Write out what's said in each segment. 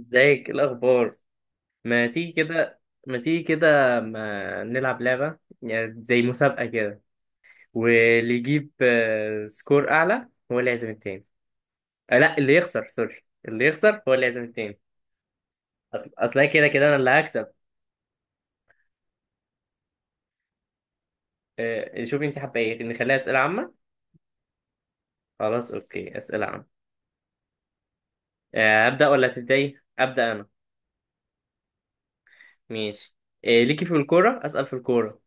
ازيك؟ ايه الاخبار؟ ما تيجي كده ما تيجي كده، ما نلعب لعبة؟ يعني زي مسابقة كده، واللي يجيب سكور اعلى هو اللي يعزم التاني. لا، اللي يخسر، سوري، اللي يخسر هو اللي يعزم التاني. اصل أنا كده كده انا اللي هكسب. شوفي، انت حابة ايه، نخليها اسئلة عامة؟ خلاص اوكي، اسئلة عامة. ابدا ولا تبداي؟ ابدا انا. ماشي. ليكي في الكورة، اسال في الكورة.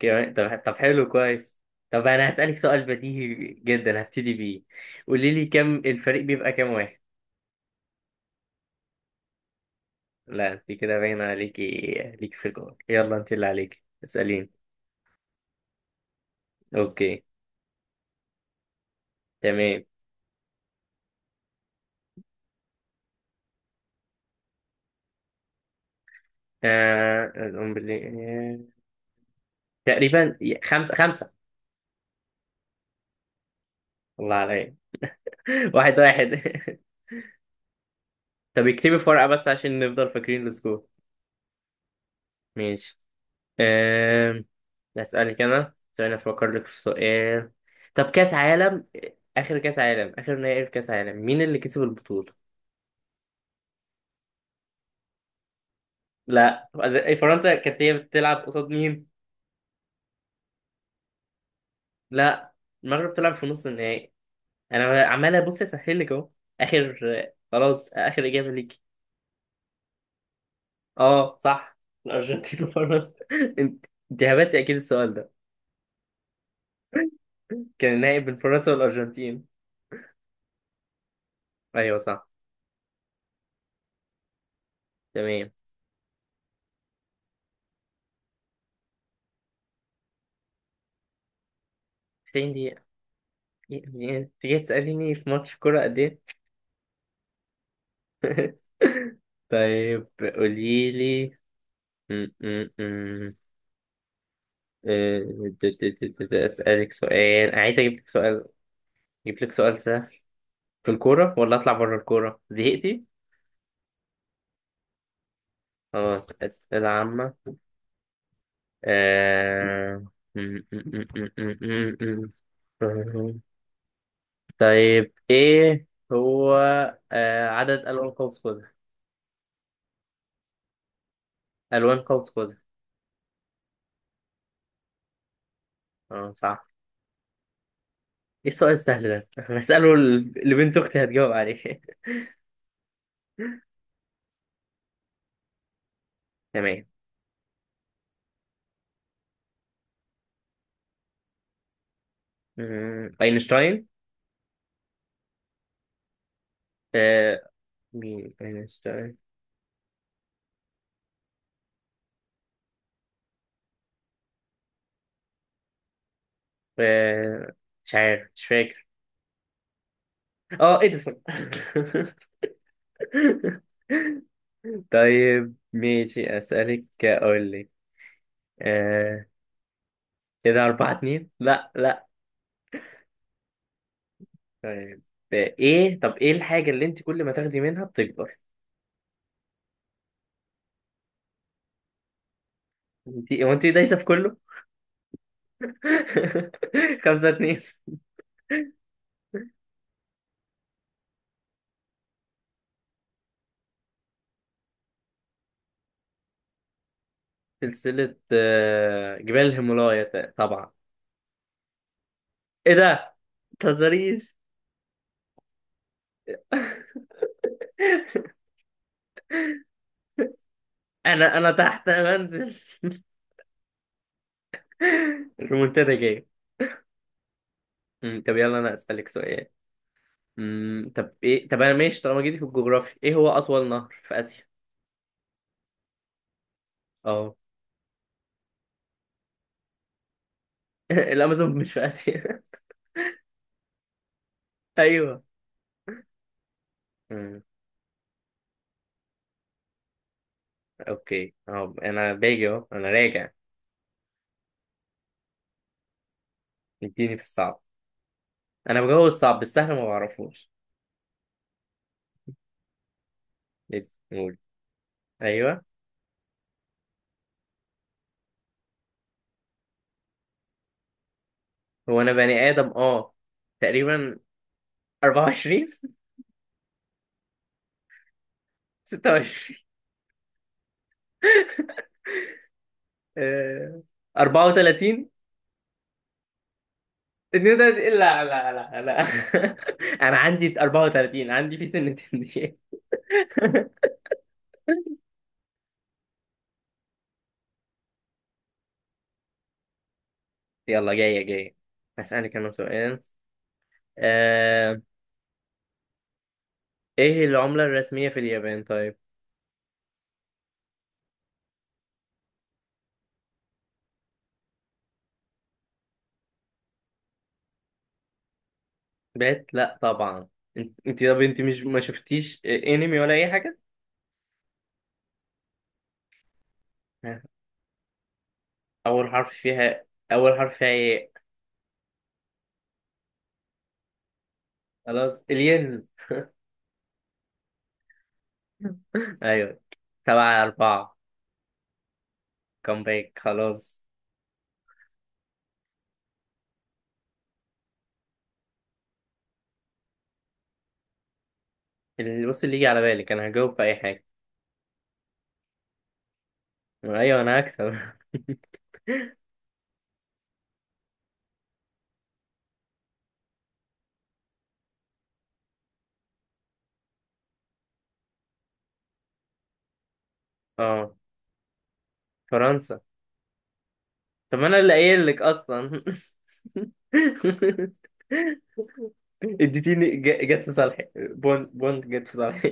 كمان، طب حلو، كويس. طب انا هسألك سؤال بديهي جدا هبتدي بيه. قولي لي، الفريق بيبقى كام واحد؟ لا انت كده باين عليكي. ليكي في الجول. يلا انت، اللي عليكي اسأليني. اوكي. تمام. آه... أقوم باللي- تقريبا، 5-5. الله عليك. 1-1. طب اكتبي في ورقة بس عشان نفضل فاكرين السكور. ماشي. آم، أسألك أنا، ثواني أفكر لك في سؤال. طب كأس عالم آخر كأس عالم آخر نهائي كأس عالم مين اللي كسب البطولة؟ لا. فرنسا كانت هي بتلعب قصاد مين؟ لا. المغرب بتلعب في نص النهائي. أنا عمال أبص أسهل لك أهو. آخر خلاص، آخر إجابة ليك. أه صح. الأرجنتين وفرنسا. أنت، أنت هبتي أكيد السؤال ده. كان النهائي بين فرنسا والأرجنتين. أيوه صح. تمام. 90 دقيقة. إيه؟ أنت جاي تسأليني في ماتش كورة قد إيه؟ طيب. قولي لي. م- م- م. آه، د- د- د- د- د- أسألك سؤال، عايز أجيب لك سؤال أجيب لك سؤال سهل. في الكورة ولا أطلع بره الكورة؟ زهقتي؟ خلاص، أسئلة عامة. آه، م- م- م- م- م- م- م. طيب، إيه هو، عدد ألوان قوس قزح. ألوان قوس قزح. اه صح. إيه السؤال السهل ده؟ هسأله لبنت أختي هتجاوب عليه. تمام. اينشتاين. آه، مين اينشتاين. آه، مش عارف، مش فاكر. اه، اديسون. طيب، ماشي، اسالك، اقول لك. آه، كده 4-2. لا لا. طيب. ايه الحاجة اللي انت كل ما تاخدي منها بتكبر؟ انت، هو انت دايسة في كله. 5-2. سلسلة جبال الهيمالايا، طبعا. ايه ده، متهزريش. انا تحت يا منزل. المنتدى جاي. طب يلا انا اسالك سؤال. أمم، طب ايه طب انا ماشي، طالما جيتي في الجغرافيا، ايه هو اطول نهر في اسيا؟ اه. الامازون مش في اسيا. ايوه. أمم، اوكي. اه، انا باجي اهو، انا راجع. اديني في الصعب. انا بجاوب الصعب بالسهل، ما بعرفوش. قول. ايوه. هو انا بني ادم؟ اه. تقريبا. 24. 26. آه، 34. النيو ده، لا لا لا لا. انا عندي 34، عندي في سن التنين. يلا، جاية جاية. هسألك انا سؤال. آه... ايه العملة الرسمية في اليابان؟ طيب. بات؟ لا طبعا. انت- طب انت مش ما شفتيش انمي ولا اي حاجة؟ ها، اول حرف فيها اول حرف فيها ايه؟ خلاص، الين. ايوه. 7-4. باك، خلاص. اللي يجي على بالك انا هجاوب في اي حاجة. ايوه انا هكسب. اه. فرنسا. طب انا اللي قايل لك اصلا. اديتيني جت في صالحي، بوند بوند جت في صالحي.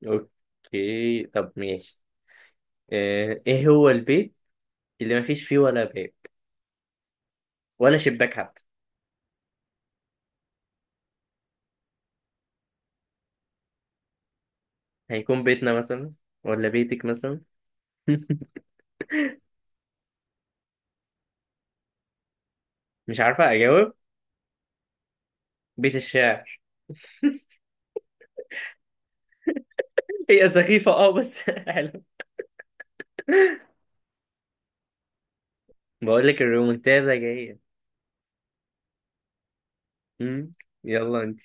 اوكي، طب ماشي. ايه هو البيت اللي ما فيش فيه ولا باب ولا شباك حتى؟ هيكون بيتنا مثلا، ولا بيتك مثلا. مش عارفة اجاوب. بيت الشعر. هي سخيفة، اه، بس حلو. بقول لك الريمونتادا جاية. مم. يلا انت.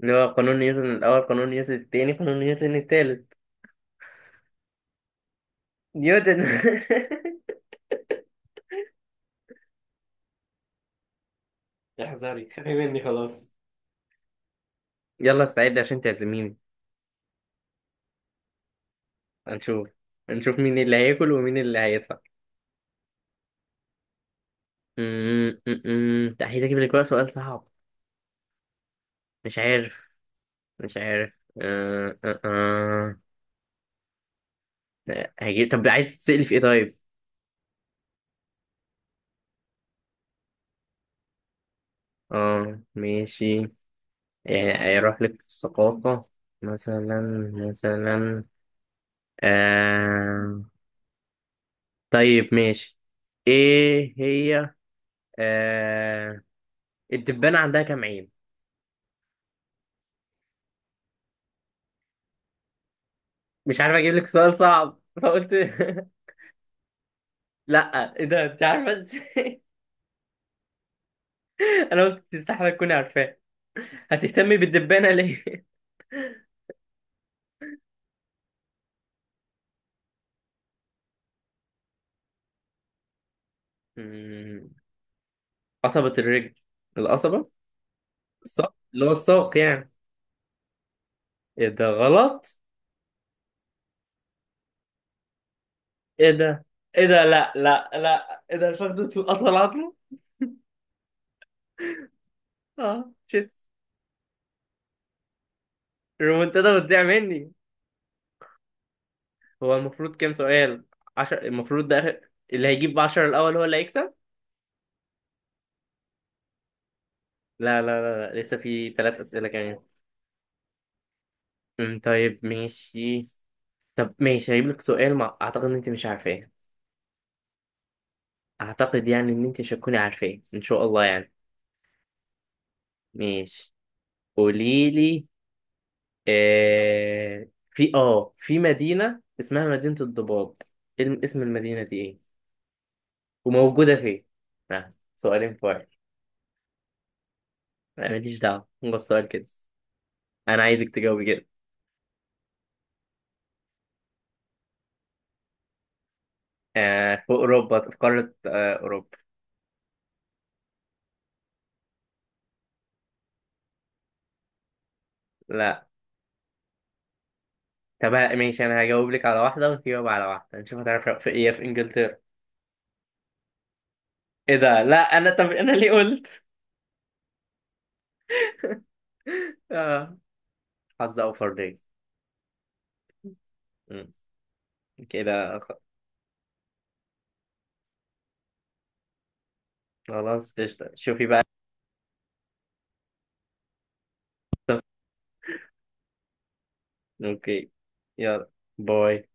اللي هو قانون نيوتن الاول، قانون نيوتن التاني، قانون نيوتن التالت. نيوتن. احذري، خافي مني خلاص. يلا استعد عشان تعزميني. هنشوف. هنشوف مين اللي هياكل ومين اللي هيدفع. أمم، أمم. لا، هجيب لك بقى سؤال صعب. مش عارف، مش عارف. أه أه أه. هجيب، طب عايز تسألي في ايه طيب. اه، ماشي. يعني هيروح لك في الثقافة. مثلا مثلا. آه... طيب، ماشي. ايه هي؟ آه... الدبانة عندها كام عين؟ مش عارف اجيب لك سؤال صعب فقلت. لا ايه ده، انت عارفه ازاي؟ انا قلت تستحمل تكوني عارفاه. هتهتمي بالدبانه ليه؟ مم، قصبة الرجل. القصبة. الساق، اللي هو الساق يعني. ايه ده، غلط؟ ايه ده، ايه ده، لا لا لا، ايه ده، الفخذ اطول عظمه؟ اه شت. الرومنتادا بتضيع مني. هو المفروض كام سؤال؟ 10، المفروض ده اللي هيجيب 10 الاول هو اللي هيكسب. لا لا لا, لا. لسه في 3 اسئله كمان. طيب ماشي. طب ماشي، هجيب لك سؤال ما اعتقد ان انت مش عارفاه. اعتقد يعني ان انت مش هتكوني عارفاه ان شاء الله يعني. ماشي، قولي لي. في مدينة اسمها مدينة الضباب. إيه اسم المدينة دي ايه، وموجودة فين؟ سؤالين فرق. ماليش دعوة، هو السؤال كده. انا عايزك تجاوبي كده. في اوروبا، في قارة اوروبا. لا. طب ماشي، انا هجاوب لك على واحدة وتجاوب على واحدة، نشوف هتعرف في ايه. في انجلترا. ايه ده، لا طب انا ليه قلت. اه. حظ اوفر ليه. مم. كده خ- خلاص قشطة، شوفي بقى. اوكي، يلا، باي.